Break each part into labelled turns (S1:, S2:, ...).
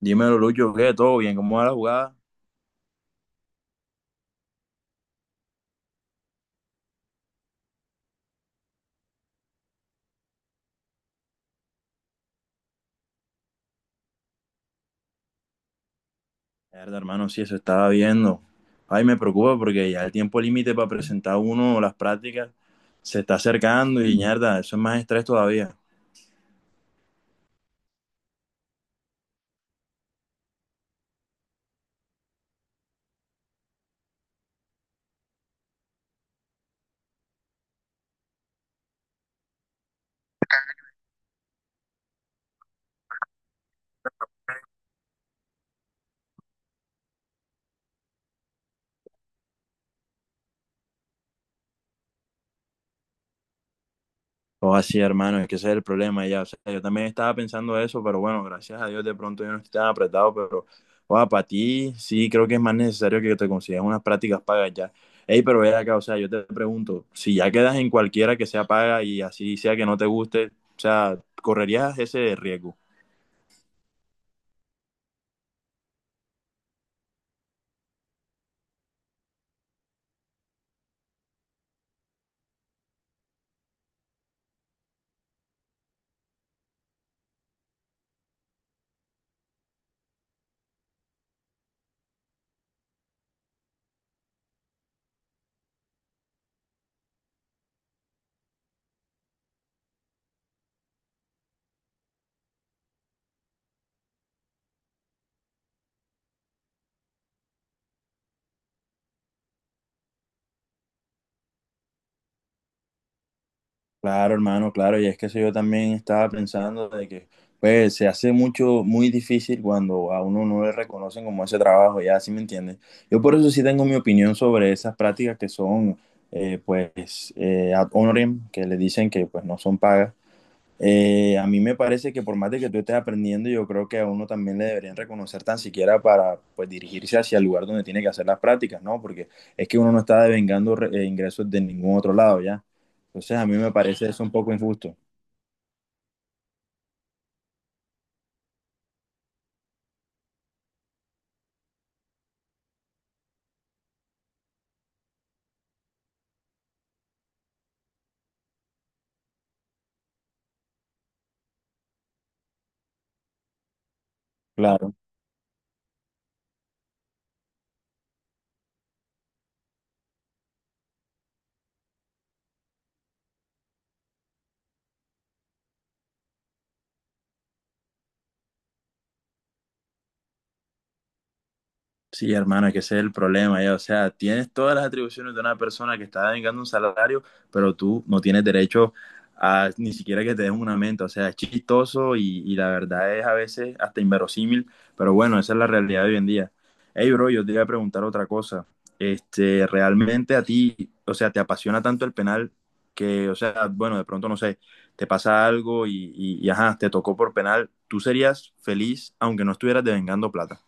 S1: Dímelo, Lucho, ¿qué? ¿Todo bien? ¿Cómo va la jugada? Mierda, hermano, sí, eso estaba viendo. Ay, me preocupa porque ya el tiempo límite para presentar uno las prácticas se está acercando y mierda, eso es más estrés todavía. O así, hermano, es que ese es el problema ya. O sea, yo también estaba pensando eso, pero bueno, gracias a Dios de pronto yo no estoy tan apretado, pero o para ti sí creo que es más necesario que te consigas unas prácticas pagas ya. Ey, pero ve acá, o sea, yo te pregunto, si ya quedas en cualquiera que sea paga y así sea que no te guste, o sea, ¿correrías ese riesgo? Claro, hermano, claro, y es que eso yo también estaba pensando de que pues se hace mucho, muy difícil cuando a uno no le reconocen como ese trabajo, ya, ¿sí me entiendes? Yo por eso sí tengo mi opinión sobre esas prácticas que son, ad honorem, que le dicen que pues no son pagas. A mí me parece que por más de que tú estés aprendiendo, yo creo que a uno también le deberían reconocer tan siquiera para pues, dirigirse hacia el lugar donde tiene que hacer las prácticas, ¿no? Porque es que uno no está devengando ingresos de ningún otro lado, ¿ya? Entonces a mí me parece eso un poco injusto. Claro. Sí, hermano, es que ese es el problema, ya. O sea, tienes todas las atribuciones de una persona que está devengando un salario, pero tú no tienes derecho a ni siquiera que te den un aumento. O sea, es chistoso y la verdad es a veces hasta inverosímil, pero bueno, esa es la realidad de hoy en día. Hey, bro, yo te iba a preguntar otra cosa. Este, realmente a ti, o sea, te apasiona tanto el penal que, o sea, bueno, de pronto no sé, te pasa algo y ajá, te tocó por penal. ¿Tú serías feliz aunque no estuvieras devengando plata?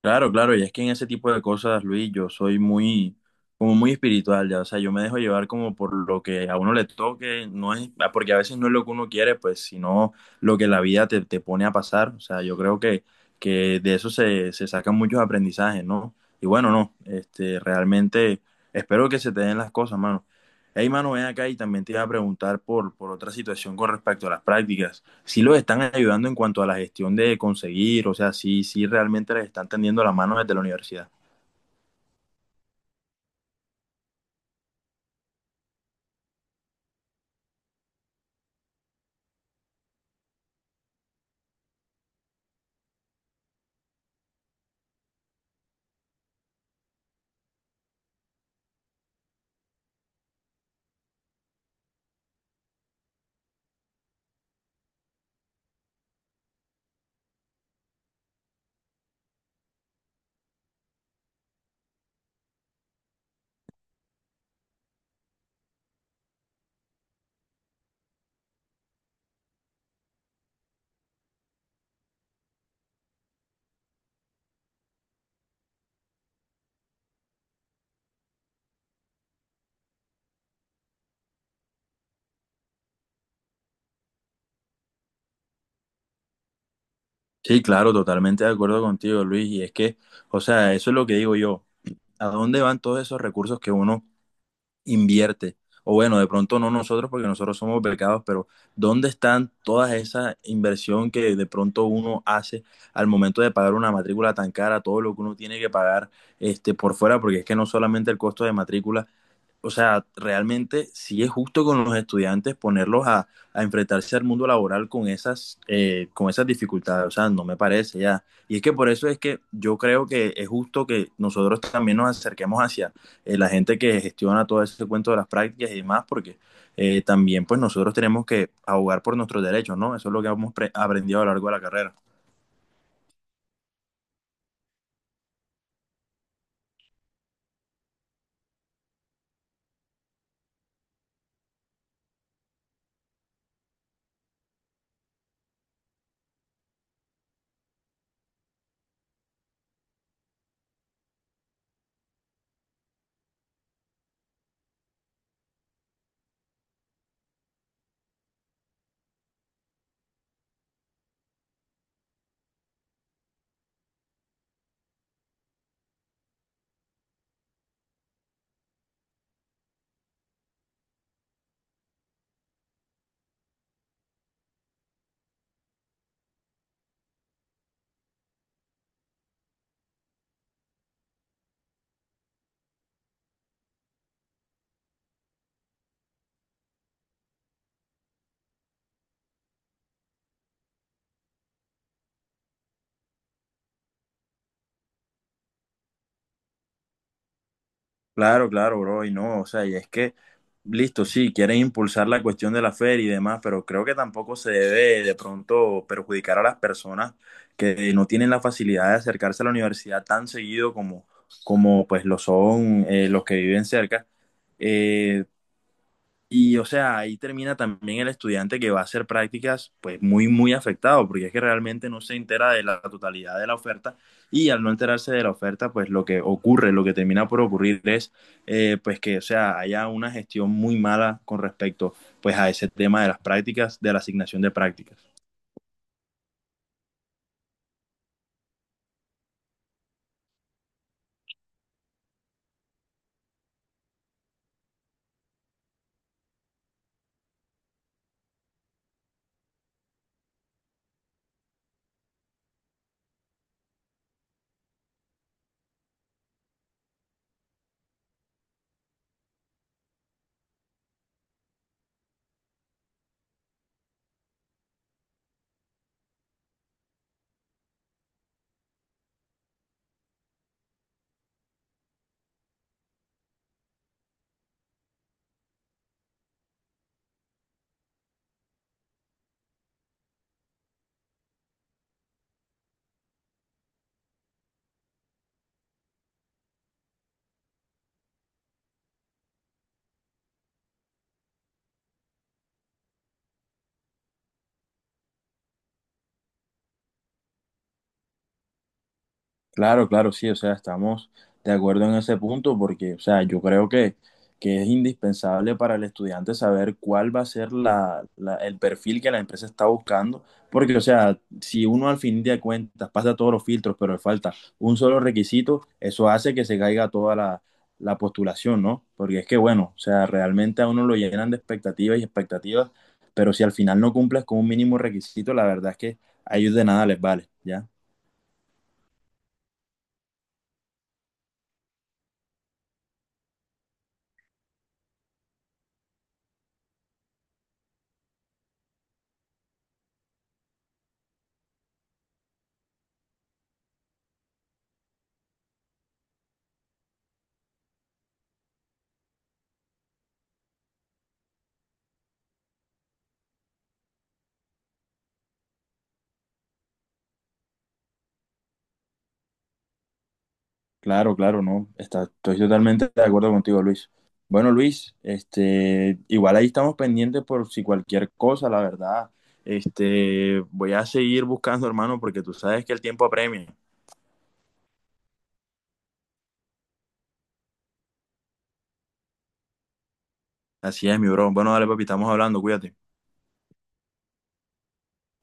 S1: Claro, claro, y es que en ese tipo de cosas, Luis, yo soy muy, como muy espiritual, ya, o sea, yo me dejo llevar como por lo que a uno le toque, no es, ah, porque a veces no es lo que uno quiere, pues, sino lo que la vida te pone a pasar, o sea, yo creo que de eso se sacan muchos aprendizajes, ¿no? Y bueno, no, este, realmente espero que se te den las cosas, mano. Hey, mano, ven acá y también te iba a preguntar por otra situación con respecto a las prácticas sí los están ayudando en cuanto a la gestión de conseguir, o sea, sí, sí realmente les están tendiendo la mano desde la universidad. Sí, claro, totalmente de acuerdo contigo, Luis. Y es que, o sea, eso es lo que digo yo. ¿A dónde van todos esos recursos que uno invierte? O bueno, de pronto no nosotros porque nosotros somos becados, pero ¿dónde están todas esa inversión que de pronto uno hace al momento de pagar una matrícula tan cara, todo lo que uno tiene que pagar este, por fuera? Porque es que no solamente el costo de matrícula, o sea, realmente sí es justo con los estudiantes ponerlos a enfrentarse al mundo laboral con esas dificultades. O sea, no me parece ya. Y es que por eso es que yo creo que es justo que nosotros también nos acerquemos hacia la gente que gestiona todo ese cuento de las prácticas y demás, porque también pues nosotros tenemos que abogar por nuestros derechos, ¿no? Eso es lo que hemos aprendido a lo largo de la carrera. Claro, claro, bro, y no, o sea, y es que, listo, sí, quieren impulsar la cuestión de la feria y demás, pero creo que tampoco se debe de pronto perjudicar a las personas que no tienen la facilidad de acercarse a la universidad tan seguido como, como pues lo son los que viven cerca. Eh, y o sea, ahí termina también el estudiante que va a hacer prácticas, pues muy, muy afectado, porque es que realmente no se entera de la totalidad de la oferta y al no enterarse de la oferta, pues lo que ocurre, lo que termina por ocurrir es, pues que, o sea, haya una gestión muy mala con respecto, pues a ese tema de las prácticas, de la asignación de prácticas. Claro, claro, sí, o sea, estamos de acuerdo en ese punto porque, o sea, yo creo que es indispensable para el estudiante saber cuál va a ser la, el perfil que la empresa está buscando, porque, o sea, si uno al fin de cuentas pasa todos los filtros, pero le falta un solo requisito, eso hace que se caiga toda la, la postulación, ¿no? Porque es que, bueno, o sea, realmente a uno lo llenan de expectativas y expectativas, pero si al final no cumples con un mínimo requisito, la verdad es que a ellos de nada les vale, ¿ya? Claro, claro, no. Está, estoy totalmente de acuerdo contigo, Luis. Bueno, Luis, este, igual ahí estamos pendientes por si cualquier cosa, la verdad. Este, voy a seguir buscando, hermano, porque tú sabes que el tiempo apremia. Así es, mi bro. Bueno, dale, papi, estamos hablando, cuídate.